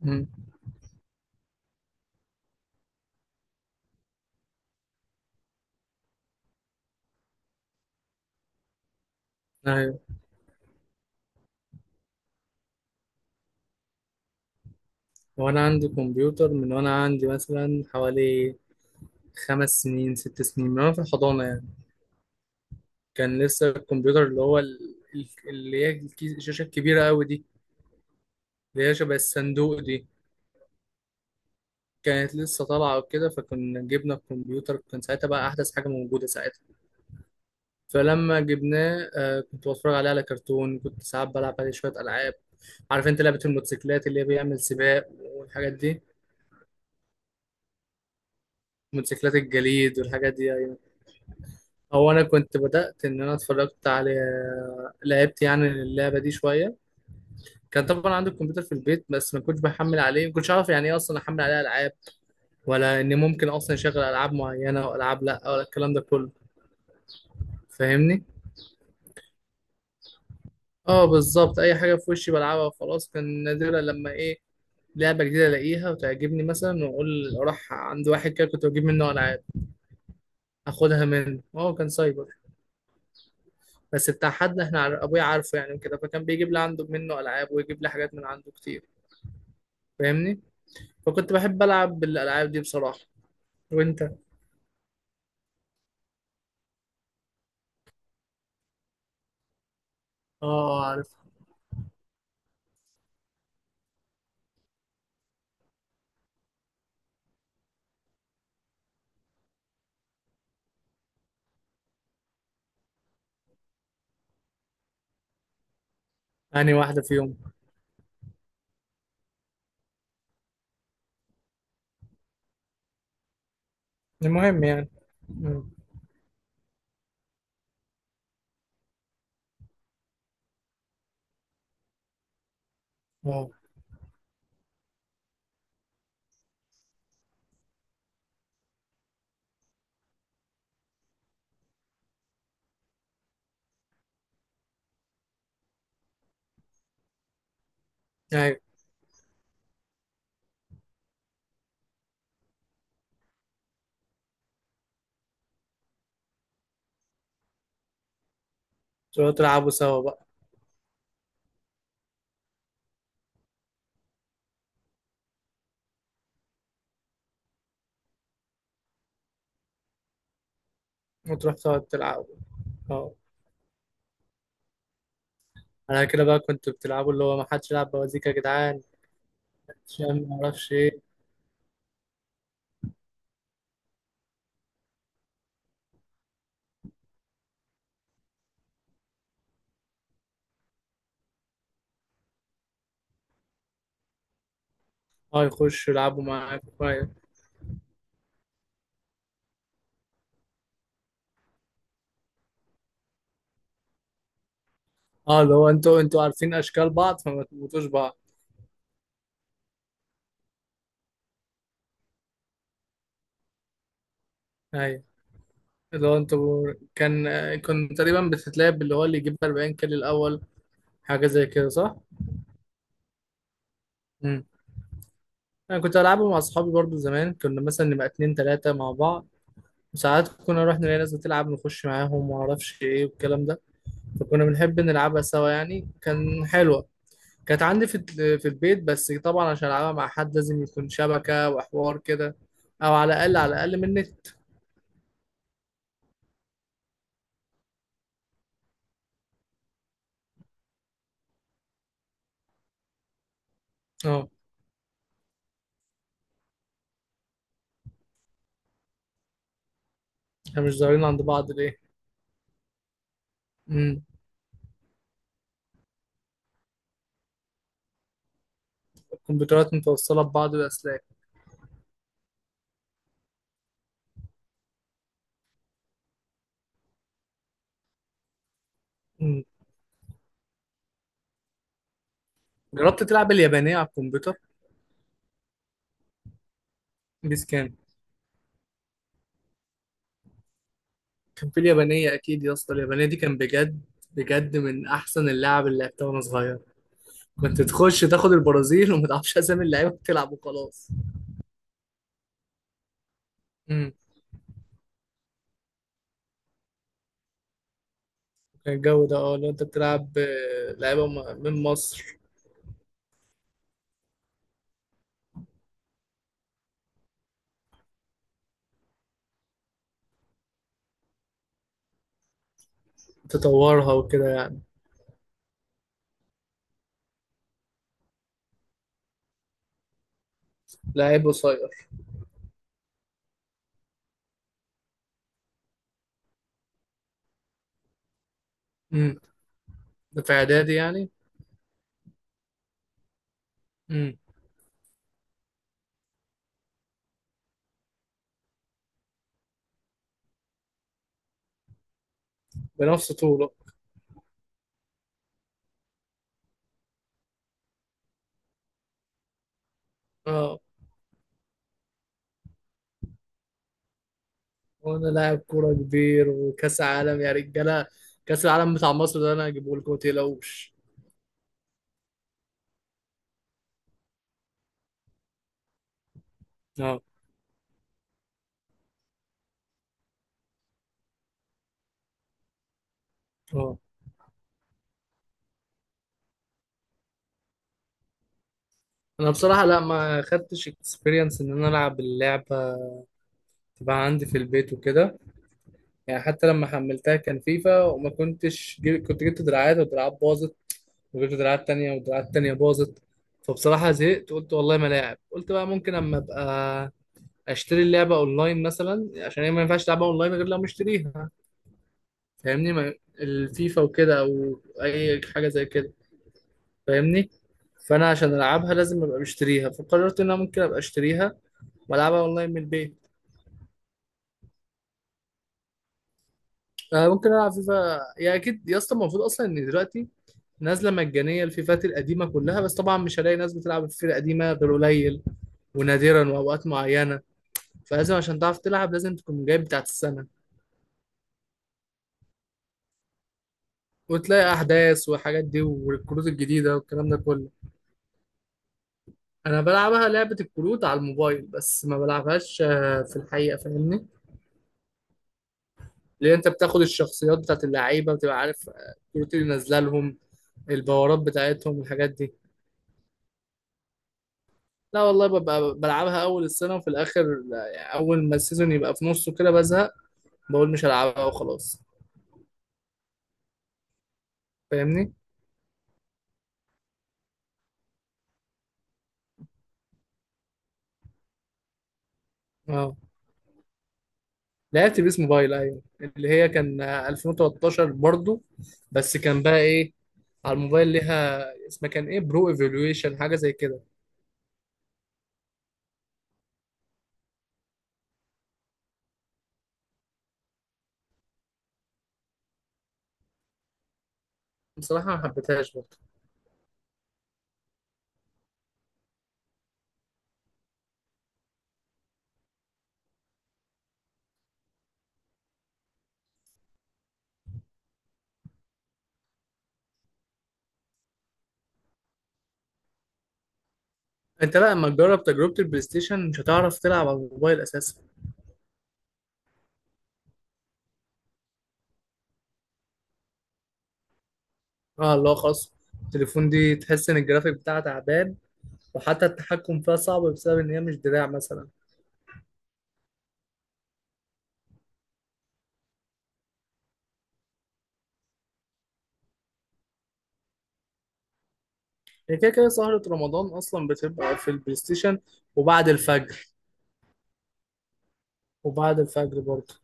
مم. أيوة، وأنا عندي كمبيوتر من وأنا عندي مثلا حوالي 5 سنين 6 سنين من وأنا في الحضانة يعني. كان لسه الكمبيوتر اللي هو اللي هي الشاشة الكبيرة أوي دي، اللي هي شبه الصندوق دي، كانت لسه طالعة وكده. فكنا جبنا الكمبيوتر، كان ساعتها بقى أحدث حاجة موجودة ساعتها. فلما جبناه كنت بتفرج عليه على كرتون، كنت ساعات بلعب عليه شوية ألعاب. عارف أنت لعبة الموتوسيكلات اللي هي بيعمل سباق والحاجات دي، موتوسيكلات الجليد والحاجات دي؟ أيوة. هو انا كنت بدات ان انا اتفرجت على، لعبت يعني اللعبه دي شويه. كان طبعا عندي الكمبيوتر في البيت بس ما كنتش بحمل عليه، ما كنتش اعرف يعني ايه اصلا احمل عليه العاب، ولا ان ممكن اصلا يشغل العاب معينه والعاب لا، ولا الكلام ده كله. فاهمني؟ اه بالظبط، اي حاجه في وشي بلعبها وخلاص. كان نادرا لما ايه، لعبه جديده الاقيها وتعجبني مثلا واقول اروح عند واحد كده كنت بجيب منه العاب، اخدها منه. اه كان سايبر، بس بتاع حد احنا ابويا عارفه يعني كده، فكان بيجيب لي عنده منه العاب ويجيب لي حاجات من عنده كتير. فاهمني؟ فكنت بحب العب بالالعاب دي بصراحه. وانت؟ اه. آه، عارف. يعني واحده فيهم؟ المهم يعني. مم. اه، ايوه، تروحوا تلعبوا سوا بقى وتروح تقعد تلعبوا. اه، على كده بقى كنتوا بتلعبوا اللي هو ما حدش يلعب بوازيك يا جدعان، عشان ما اعرفش ايه. اه يخشوا يلعبوا معاك. أيوة. اه اللي هو انتوا عارفين اشكال بعض فما تموتوش بعض. ايوه اللي هو انتوا كان، كنت تقريبا بتتلعب اللي هو اللي يجيب 40 كيلو الاول، حاجه زي كده صح؟ مم. انا كنت العبه مع اصحابي برضو زمان، كنا مثلا نبقى اتنين تلاتة مع بعض، وساعات كنا نروح نلاقي ناس بتلعب نخش معاهم وما اعرفش ايه والكلام ده. فكنا بنحب نلعبها سوا، يعني كان حلوة. كانت عندي في في البيت بس طبعا عشان العبها مع حد لازم يكون شبكة وحوار كده، او على الاقل من النت. اه، احنا مش ظاهرين عند بعض ليه؟ امم. الكمبيوترات متوصلة ببعض بأسلاك. امم. جربت تلعب اليابانية على الكمبيوتر؟ بيس. كان في اليابانية أكيد يا اسطى، اليابانية دي كان بجد بجد من أحسن اللعب اللي لعبتها وأنا صغير. كنت تخش تاخد البرازيل وما تعرفش أسامي اللعيبة بتلعب وخلاص. امم. كان الجو ده. اه لو أنت بتلعب، لعيبة من مصر. تطورها وكده يعني. لعيب قصير. امم. ده في إعدادي يعني. امم. بنفس طوله. اه. وأنا لاعب كورة كبير وكأس عالم يا رجالة. كأس العالم بتاع مصر ده أنا هجيبه لكم متقلقوش. اه. اه، انا بصراحه لا ما خدتش اكسبيرينس ان انا العب اللعبه، تبقى عندي في البيت وكده يعني. حتى لما حملتها كان فيفا وما كنتش كنت جبت دراعات ودراعات باظت، وجبت دراعات تانية ودراعات تانية باظت. فبصراحة زهقت، قلت والله ما لاعب. قلت بقى ممكن اما ابقى اشتري اللعبة اونلاين مثلا، عشان هي ما ينفعش تلعبها اونلاين غير لو مشتريها. فاهمني؟ ما... الفيفا وكده او اي حاجة زي كده. فاهمني؟ فانا عشان العبها لازم ابقى مشتريها، فقررت ان انا ممكن ابقى اشتريها بلعبها اونلاين من البيت. أه ممكن العب فيفا، يا اكيد يا اسطى. المفروض اصلا ان دلوقتي نازله مجانيه الفيفات القديمه كلها، بس طبعا مش هلاقي ناس بتلعب الفيفا القديمه غير قليل ونادرا واوقات معينه. فلازم عشان تعرف تلعب لازم تكون جايب بتاعت السنه، وتلاقي احداث والحاجات دي والكروت الجديده والكلام ده كله. انا بلعبها لعبه الكروت على الموبايل بس ما بلعبهاش في الحقيقه. فاهمني؟ لان انت بتاخد الشخصيات بتاعت اللعيبه، بتبقى عارف الكروت اللي نازله لهم، الباورات بتاعتهم والحاجات دي. لا والله، ببقى بلعبها اول السنه وفي الاخر. لا، يعني اول ما السيزون يبقى في نصه كده بزهق، بقول مش هلعبها وخلاص. فاهمني؟ اه لعبت بيس موبايل، ايوه اللي هي كان 2013 برضو. بس كان بقى ايه، على الموبايل ليها اسمها كان ايه، برو ايفولويشن حاجه زي كده. بصراحه ما حبيتهاش برضو. انت لا، لما تجرب تجربه البلاي ستيشن مش هتعرف تلعب على الموبايل اساسا. اه لا خلاص. التليفون دي تحس ان الجرافيك بتاعها تعبان، وحتى التحكم فيها صعب بسبب ان هي مش دراع مثلا. هي كده كده سهرة رمضان أصلا بتبقى في البلاي ستيشن. وبعد الفجر. وبعد الفجر برضه.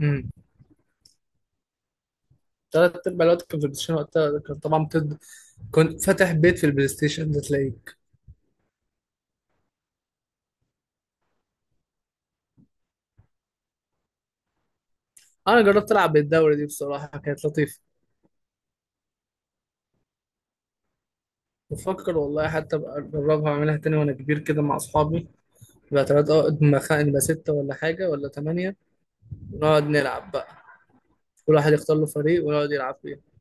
امم. تلات أرباع الوقت كان في البلاي ستيشن. وقتها كان طبعا كنت فاتح بيت في البلاي ستيشن ده تلاقيك. أنا جربت ألعب بالدورة دي بصراحة كانت لطيفة. بفكر والله حتى أبقى أجربها أعملها تاني وأنا كبير كده مع أصحابي. يبقى تلات، أه نبقى نبقى ستة ولا حاجة ولا تمانية، ونقعد نلعب بقى. كل واحد يختار له فريق ونقعد يلعب فيه.